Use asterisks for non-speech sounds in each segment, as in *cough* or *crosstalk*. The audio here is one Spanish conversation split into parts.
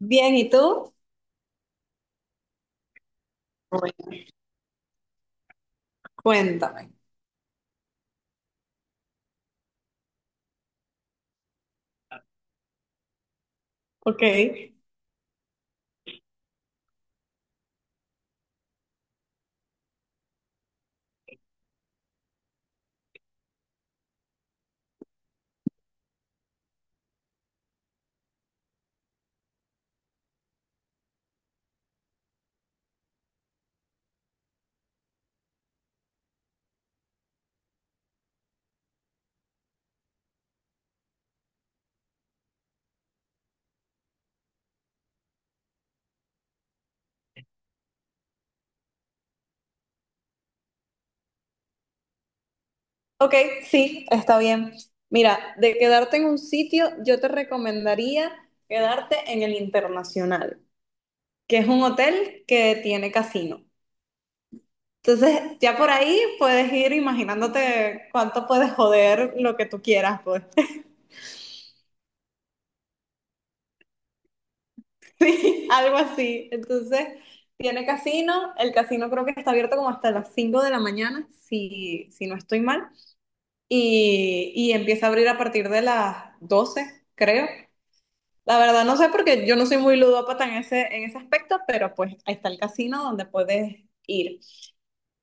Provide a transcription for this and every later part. Bien, ¿y tú? Bueno, cuéntame. Ok, ok, sí, está bien. Mira, de quedarte en un sitio, yo te recomendaría quedarte en el Internacional, que es un hotel que tiene casino. Entonces, ya por ahí puedes ir imaginándote cuánto puedes joder lo que tú quieras, pues. *laughs* Algo así. Entonces, tiene casino. El casino creo que está abierto como hasta las 5 de la mañana, si no estoy mal. Y empieza a abrir a partir de las 12, creo. La verdad no sé porque yo no soy muy ludópata en ese aspecto, pero pues ahí está el casino donde puedes ir.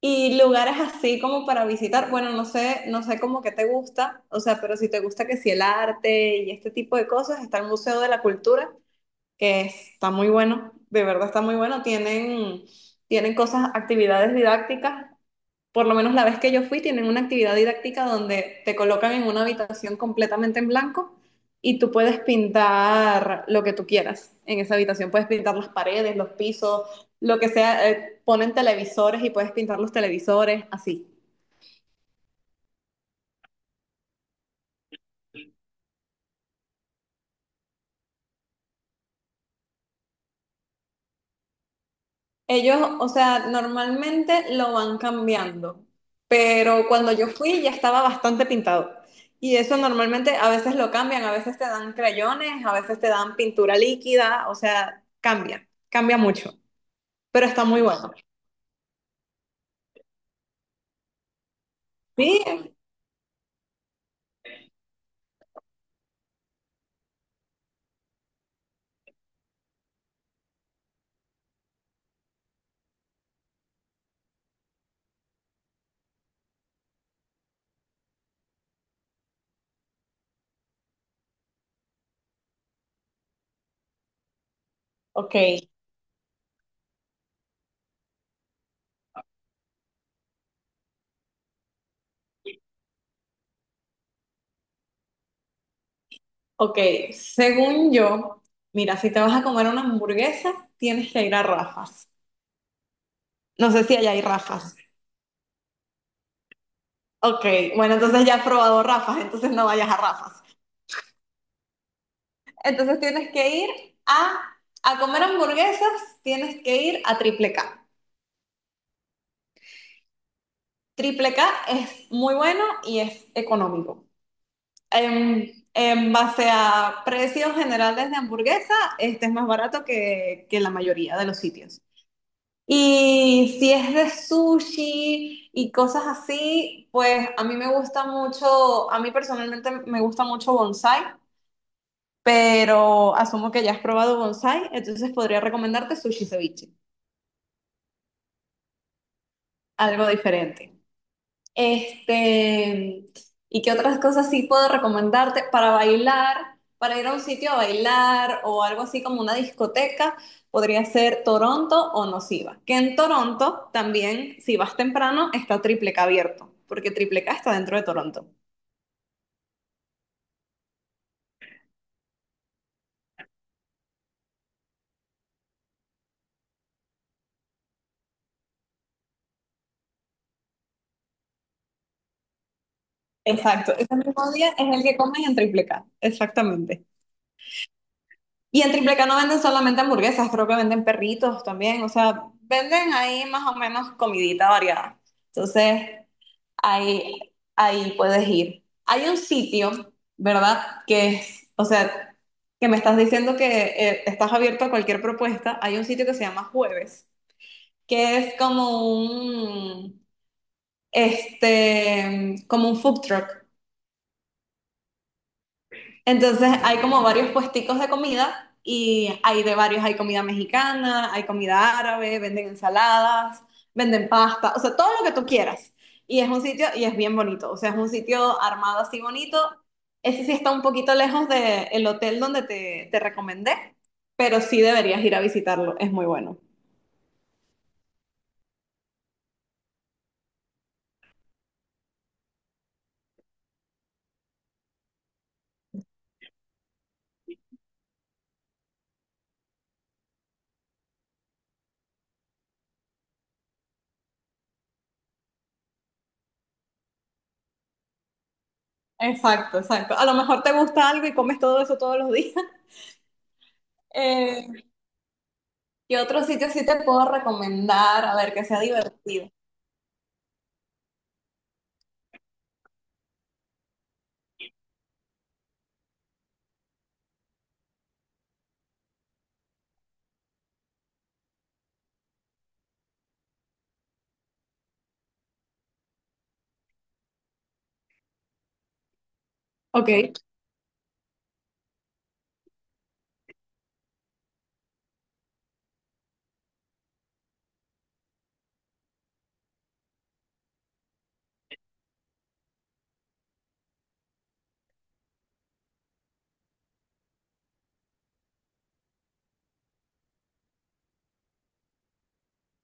Y lugares así como para visitar, bueno, no sé, no sé cómo que te gusta, o sea, pero si te gusta que si el arte y este tipo de cosas, está el Museo de la Cultura, que está muy bueno, de verdad está muy bueno, tienen, tienen cosas, actividades didácticas. Por lo menos la vez que yo fui, tienen una actividad didáctica donde te colocan en una habitación completamente en blanco y tú puedes pintar lo que tú quieras en esa habitación. Puedes pintar las paredes, los pisos, lo que sea. Ponen televisores y puedes pintar los televisores, así. Ellos, o sea, normalmente lo van cambiando, pero cuando yo fui ya estaba bastante pintado. Y eso normalmente a veces lo cambian, a veces te dan crayones, a veces te dan pintura líquida, o sea, cambia, cambia mucho. Pero está muy bueno. Sí, ok, ok. Según yo, mira, si te vas a comer una hamburguesa, tienes que ir a Rafas. No sé si allá hay Rafas. Ok, bueno, entonces ya has probado Rafas, entonces no vayas a Rafas. Entonces tienes que ir a, a comer hamburguesas, tienes que ir a Triple K. Triple K es muy bueno y es económico. En base a precios generales de hamburguesa, este es más barato que la mayoría de los sitios. Y si es de sushi y cosas así, pues a mí me gusta mucho, a mí personalmente me gusta mucho bonsai, pero asumo que ya has probado bonsai, entonces podría recomendarte sushi ceviche, algo diferente. Este, ¿y qué otras cosas sí puedo recomendarte para bailar, para ir a un sitio a bailar o algo así como una discoteca? Podría ser Toronto o Nociva, que en Toronto también, si vas temprano, está Triple K abierto, porque Triple K está dentro de Toronto. Exacto, ese mismo día es el que comen en Triple K, exactamente. Y en Triple K no venden solamente hamburguesas, creo que venden perritos también, o sea, venden ahí más o menos comidita variada. Entonces, ahí, ahí puedes ir. Hay un sitio, ¿verdad? Que es, o sea, que me estás diciendo que estás abierto a cualquier propuesta. Hay un sitio que se llama Jueves, que es como un, este, como un food truck. Entonces hay como varios puesticos de comida y hay de varios, hay comida mexicana, hay comida árabe, venden ensaladas, venden pasta, o sea, todo lo que tú quieras. Y es un sitio, y es bien bonito, o sea, es un sitio armado así bonito. Ese sí está un poquito lejos del hotel donde te recomendé, pero sí deberías ir a visitarlo, es muy bueno. Exacto, exacto. A lo mejor te gusta algo y comes todo eso todos los días. *laughs* Eh, ¿qué otro sitio sí te puedo recomendar? A ver, que sea divertido. Ok.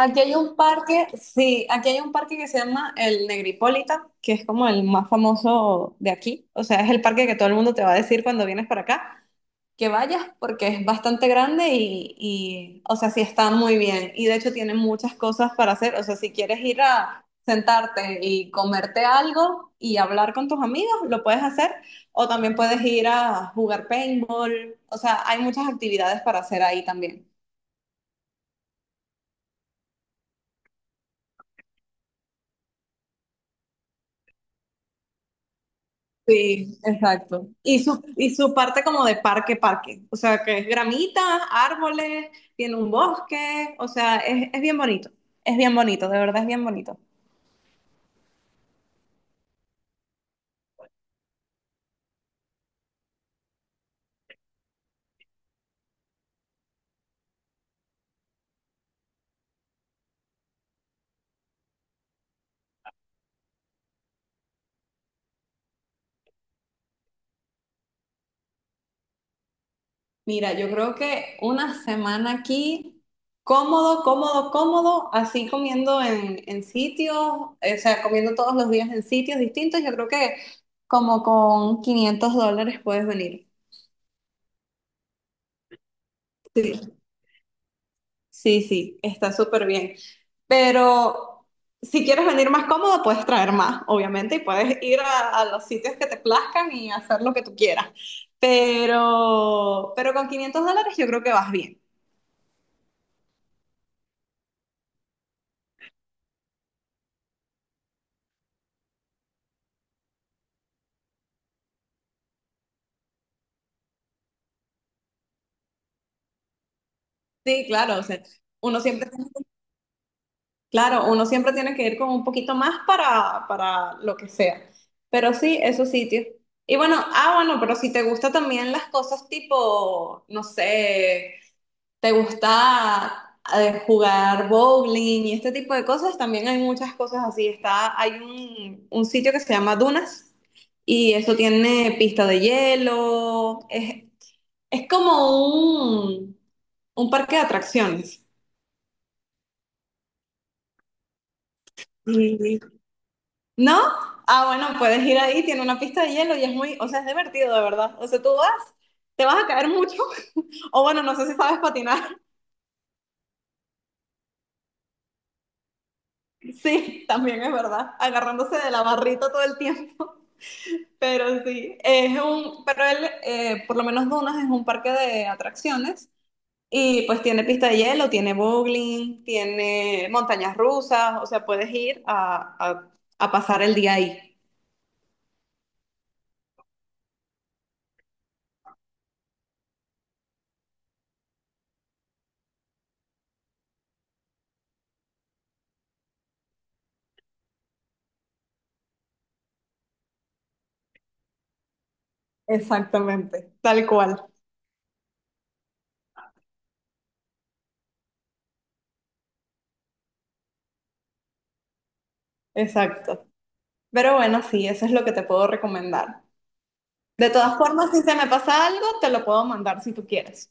Aquí hay un parque, sí, aquí hay un parque que se llama el Negripólita, que es como el más famoso de aquí. O sea, es el parque que todo el mundo te va a decir cuando vienes para acá que vayas porque es bastante grande y, o sea, sí está muy bien. Y de hecho tiene muchas cosas para hacer. O sea, si quieres ir a sentarte y comerte algo y hablar con tus amigos, lo puedes hacer. O también puedes ir a jugar paintball. O sea, hay muchas actividades para hacer ahí también. Sí, exacto. Y su parte como de parque, parque. O sea, que es gramita, árboles, tiene un bosque. O sea, es bien bonito. Es bien bonito, de verdad es bien bonito. Mira, yo creo que una semana aquí, cómodo, cómodo, cómodo, así comiendo en sitios, o sea, comiendo todos los días en sitios distintos, yo creo que como con $500 puedes venir. Sí. Sí, sí, está súper bien. Pero si quieres venir más cómodo, puedes traer más, obviamente, y puedes ir a los sitios que te plazcan y hacer lo que tú quieras. Pero con $500 yo creo que vas bien. Sí, claro, o sea, uno siempre, claro, uno siempre tiene que ir con un poquito más para lo que sea. Pero sí, esos sitios. Y bueno, ah, bueno, pero si te gusta también las cosas tipo, no sé. ¿Te gusta jugar bowling y este tipo de cosas? También hay muchas cosas así. Está, hay un sitio que se llama Dunas y eso tiene pista de hielo. Es como un parque de atracciones. Sí. ¿No? Ah, bueno, puedes ir ahí, tiene una pista de hielo y es muy, o sea, es divertido, de verdad. O sea, tú vas, te vas a caer mucho. *laughs* O bueno, no sé si sabes patinar. *laughs* Sí, también es verdad. Agarrándose de la barrita todo el tiempo. Pero sí, es un, pero él, por lo menos Dunas es un parque de atracciones y pues tiene pista de hielo, tiene bowling, tiene montañas rusas, o sea, puedes ir a pasar el día ahí. Exactamente, tal cual, exacto. Pero bueno, sí, eso es lo que te puedo recomendar. De todas formas, si se me pasa algo, te lo puedo mandar si tú quieres.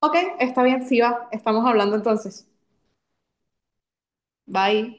Ok, está bien, sí va, estamos hablando entonces. Bye.